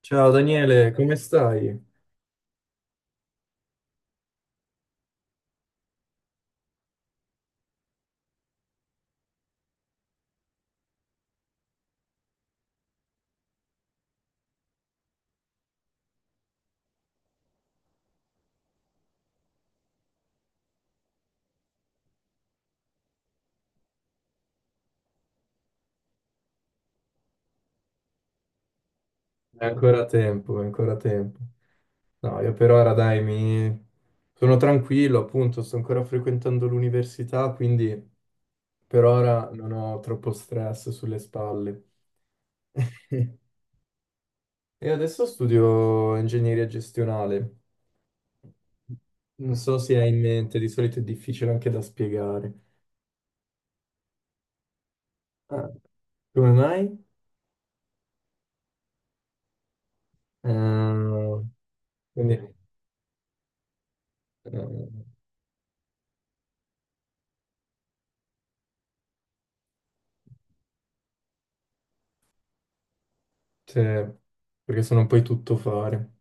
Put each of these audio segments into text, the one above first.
Ciao Daniele, come stai? È ancora tempo, è ancora tempo. No, io per ora dai, mi... sono tranquillo, appunto, sto ancora frequentando l'università, quindi per ora non ho troppo stress sulle spalle. E adesso studio ingegneria gestionale. Non so se hai in mente, di solito è difficile anche da spiegare. Ah, come mai? Ehm, quindi, ehm, cioè, perché sono poi tutto fare.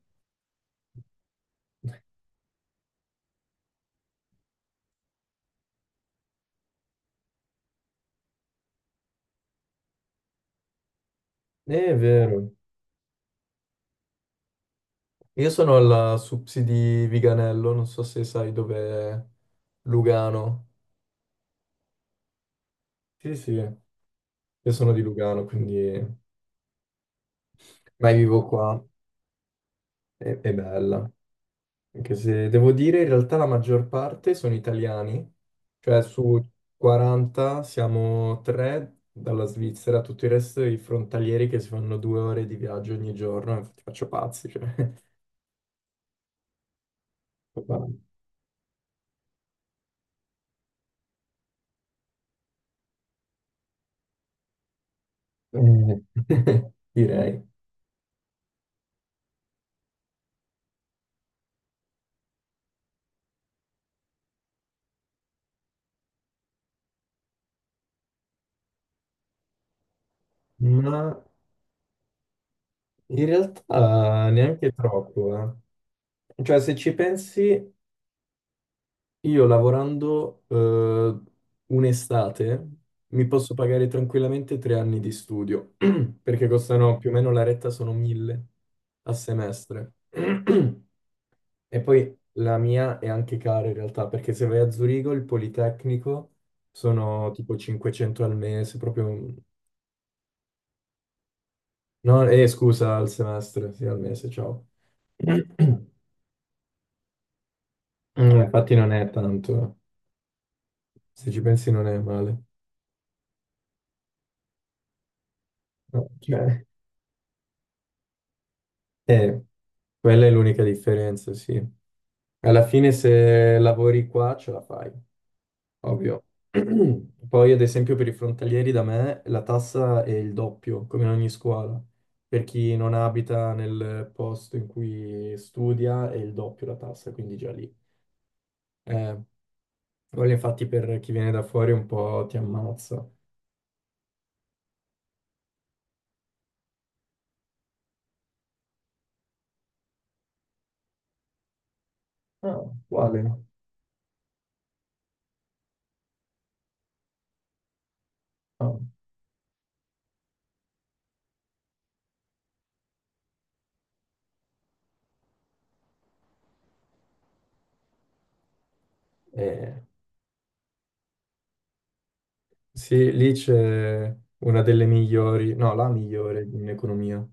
È vero. Io sono alla Supsi di Viganello, non so se sai dov'è Lugano. Sì, sì, io sono di Lugano, quindi mai vivo qua. È bella. Anche se devo dire, in realtà la maggior parte sono italiani, cioè su 40 siamo 3 dalla Svizzera, tutto il resto i frontalieri che si fanno 2 ore di viaggio ogni giorno, infatti faccio pazzi, cioè. Fa male. Eh, direi. Ma in realtà neanche troppo, eh. Cioè, se ci pensi, io lavorando un'estate mi posso pagare tranquillamente 3 anni di studio, perché costano più o meno la retta sono 1.000 a semestre. E poi la mia è anche cara in realtà, perché se vai a Zurigo, il Politecnico sono tipo 500 al mese, proprio... No, scusa, al semestre, sì, al mese, ciao. Mm, infatti non è tanto. Se ci pensi non è male. No, sì. Cioè, eh, quella è l'unica differenza, sì. Alla fine se lavori qua ce la fai, ovvio. Poi ad esempio per i frontalieri da me la tassa è il doppio, come in ogni scuola. Per chi non abita nel posto in cui studia è il doppio la tassa, quindi già lì. Eh, quello infatti per chi viene da fuori un po' ti ammazza. Ah, uguale. Ah. Eh, sì, lì c'è una delle migliori, no, la migliore in economia.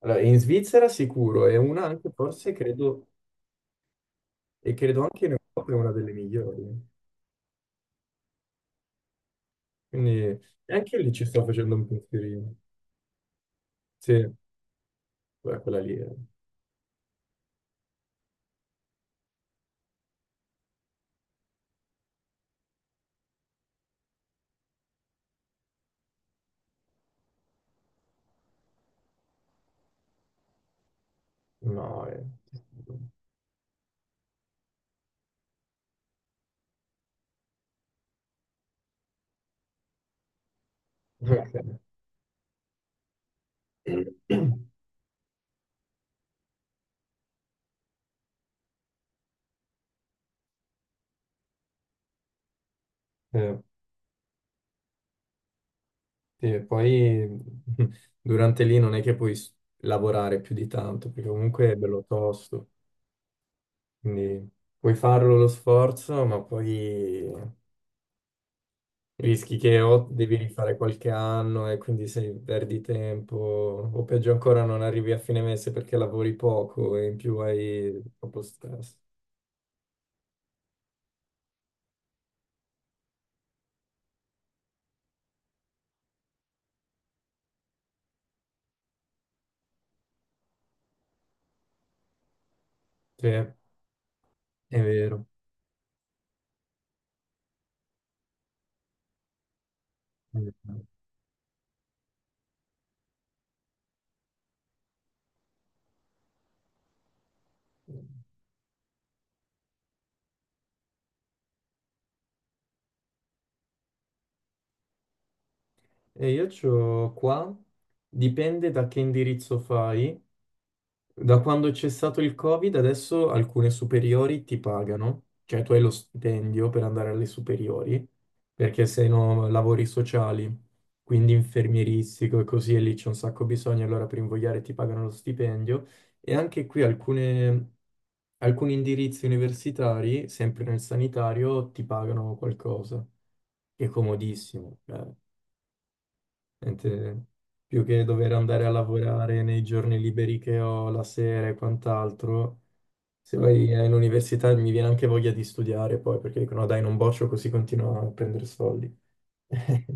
Allora, in Svizzera sicuro, e una anche forse credo, e credo anche in Europa è una delle migliori. Quindi anche io lì ci sto facendo un pensierino. Sì, beh, quella lì è... No, è... Ok. Eh, sì, e poi durante lì non è che puoi s- lavorare più di tanto, perché comunque è bello tosto, quindi puoi farlo lo sforzo, ma poi... Rischi che o devi rifare qualche anno e quindi se perdi tempo, o peggio ancora non arrivi a fine mese perché lavori poco e in più hai troppo stress. Sì, è vero, è vero. E io c'ho qua, dipende da che indirizzo fai. Da quando c'è stato il Covid, adesso alcune superiori ti pagano, cioè tu hai lo stipendio per andare alle superiori, perché se no lavori sociali quindi infermieristico e così, e lì c'è un sacco bisogno, allora per invogliare ti pagano lo stipendio. E anche qui alcuni indirizzi universitari, sempre nel sanitario, ti pagano qualcosa. È comodissimo, cioè, niente- più che dover andare a lavorare nei giorni liberi che ho, la sera e quant'altro. Se vai all'università mi viene anche voglia di studiare poi, perché dicono "No, dai, non boccio così continuo a prendere soldi."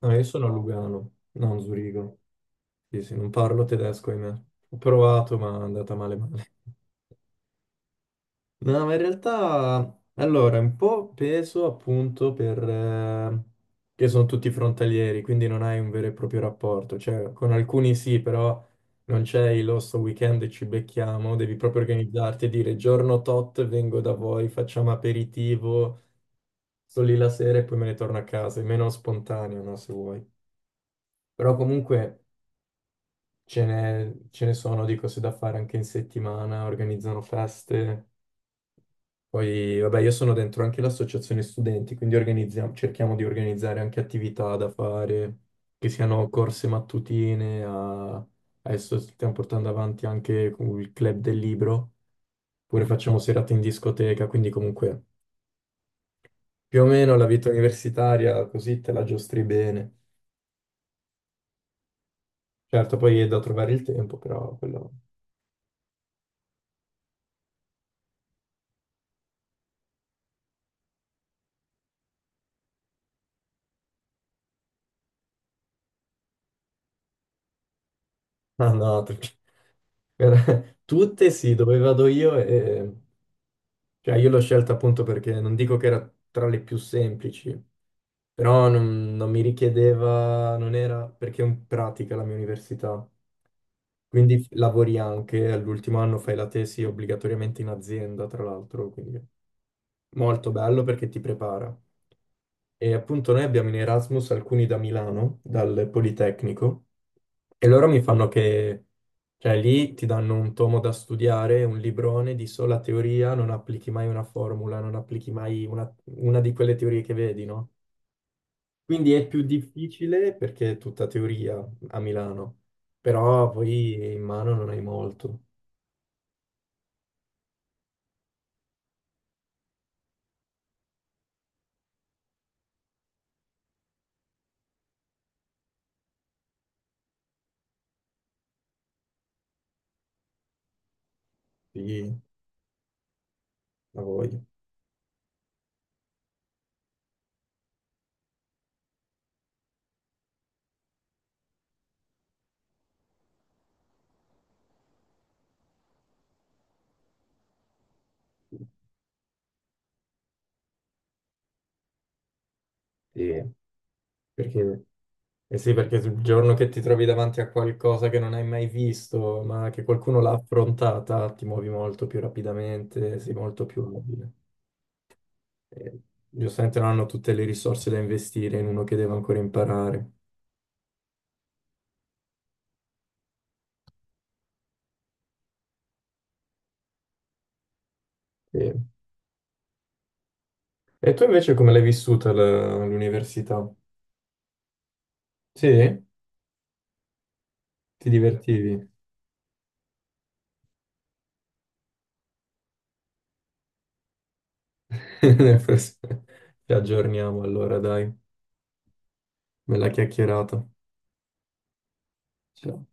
No, io sono a Lugano, non Zurigo. Sì, sì, non parlo tedesco, ahimè. Ho provato, ma è andata male male. No, ma in realtà, allora, un po' peso appunto per... che sono tutti frontalieri, quindi non hai un vero e proprio rapporto. Cioè, con alcuni sì, però non c'è il "Oh, sto weekend e ci becchiamo", devi proprio organizzarti e dire giorno tot vengo da voi, facciamo aperitivo, sto lì la sera e poi me ne torno a casa. È meno spontaneo, no, se vuoi. Però comunque... Ce ne sono di cose da fare anche in settimana, organizzano feste. Poi, vabbè, io sono dentro anche l'associazione studenti, quindi cerchiamo di organizzare anche attività da fare, che siano corse mattutine, adesso stiamo portando avanti anche con il club del libro, oppure facciamo serate in discoteca, quindi comunque più o meno la vita universitaria così te la giostri bene. Certo, poi è da trovare il tempo, però quello... Ah no, tutte sì, dove vado io, cioè io l'ho scelta appunto perché non dico che era tra le più semplici, però non mi richiedeva, non era perché è in pratica la mia università, quindi lavori anche, all'ultimo anno fai la tesi obbligatoriamente in azienda, tra l'altro, quindi molto bello perché ti prepara. E appunto noi abbiamo in Erasmus alcuni da Milano, dal Politecnico, e loro mi fanno che, cioè lì ti danno un tomo da studiare, un librone di sola teoria, non applichi mai una formula, non applichi mai una, una di quelle teorie che vedi, no? Quindi è più difficile perché è tutta teoria a Milano, però poi in mano non hai molto, quindi la voglio. Sì. Perché? Eh sì, perché il giorno che ti trovi davanti a qualcosa che non hai mai visto, ma che qualcuno l'ha affrontata, ti muovi molto più rapidamente, sei molto più abile. E giustamente non hanno tutte le risorse da investire in uno che deve ancora imparare. Sì. E tu invece come l'hai vissuta l'università? Sì? Ti divertivi? Ci aggiorniamo allora, dai, bella chiacchierata. Ciao.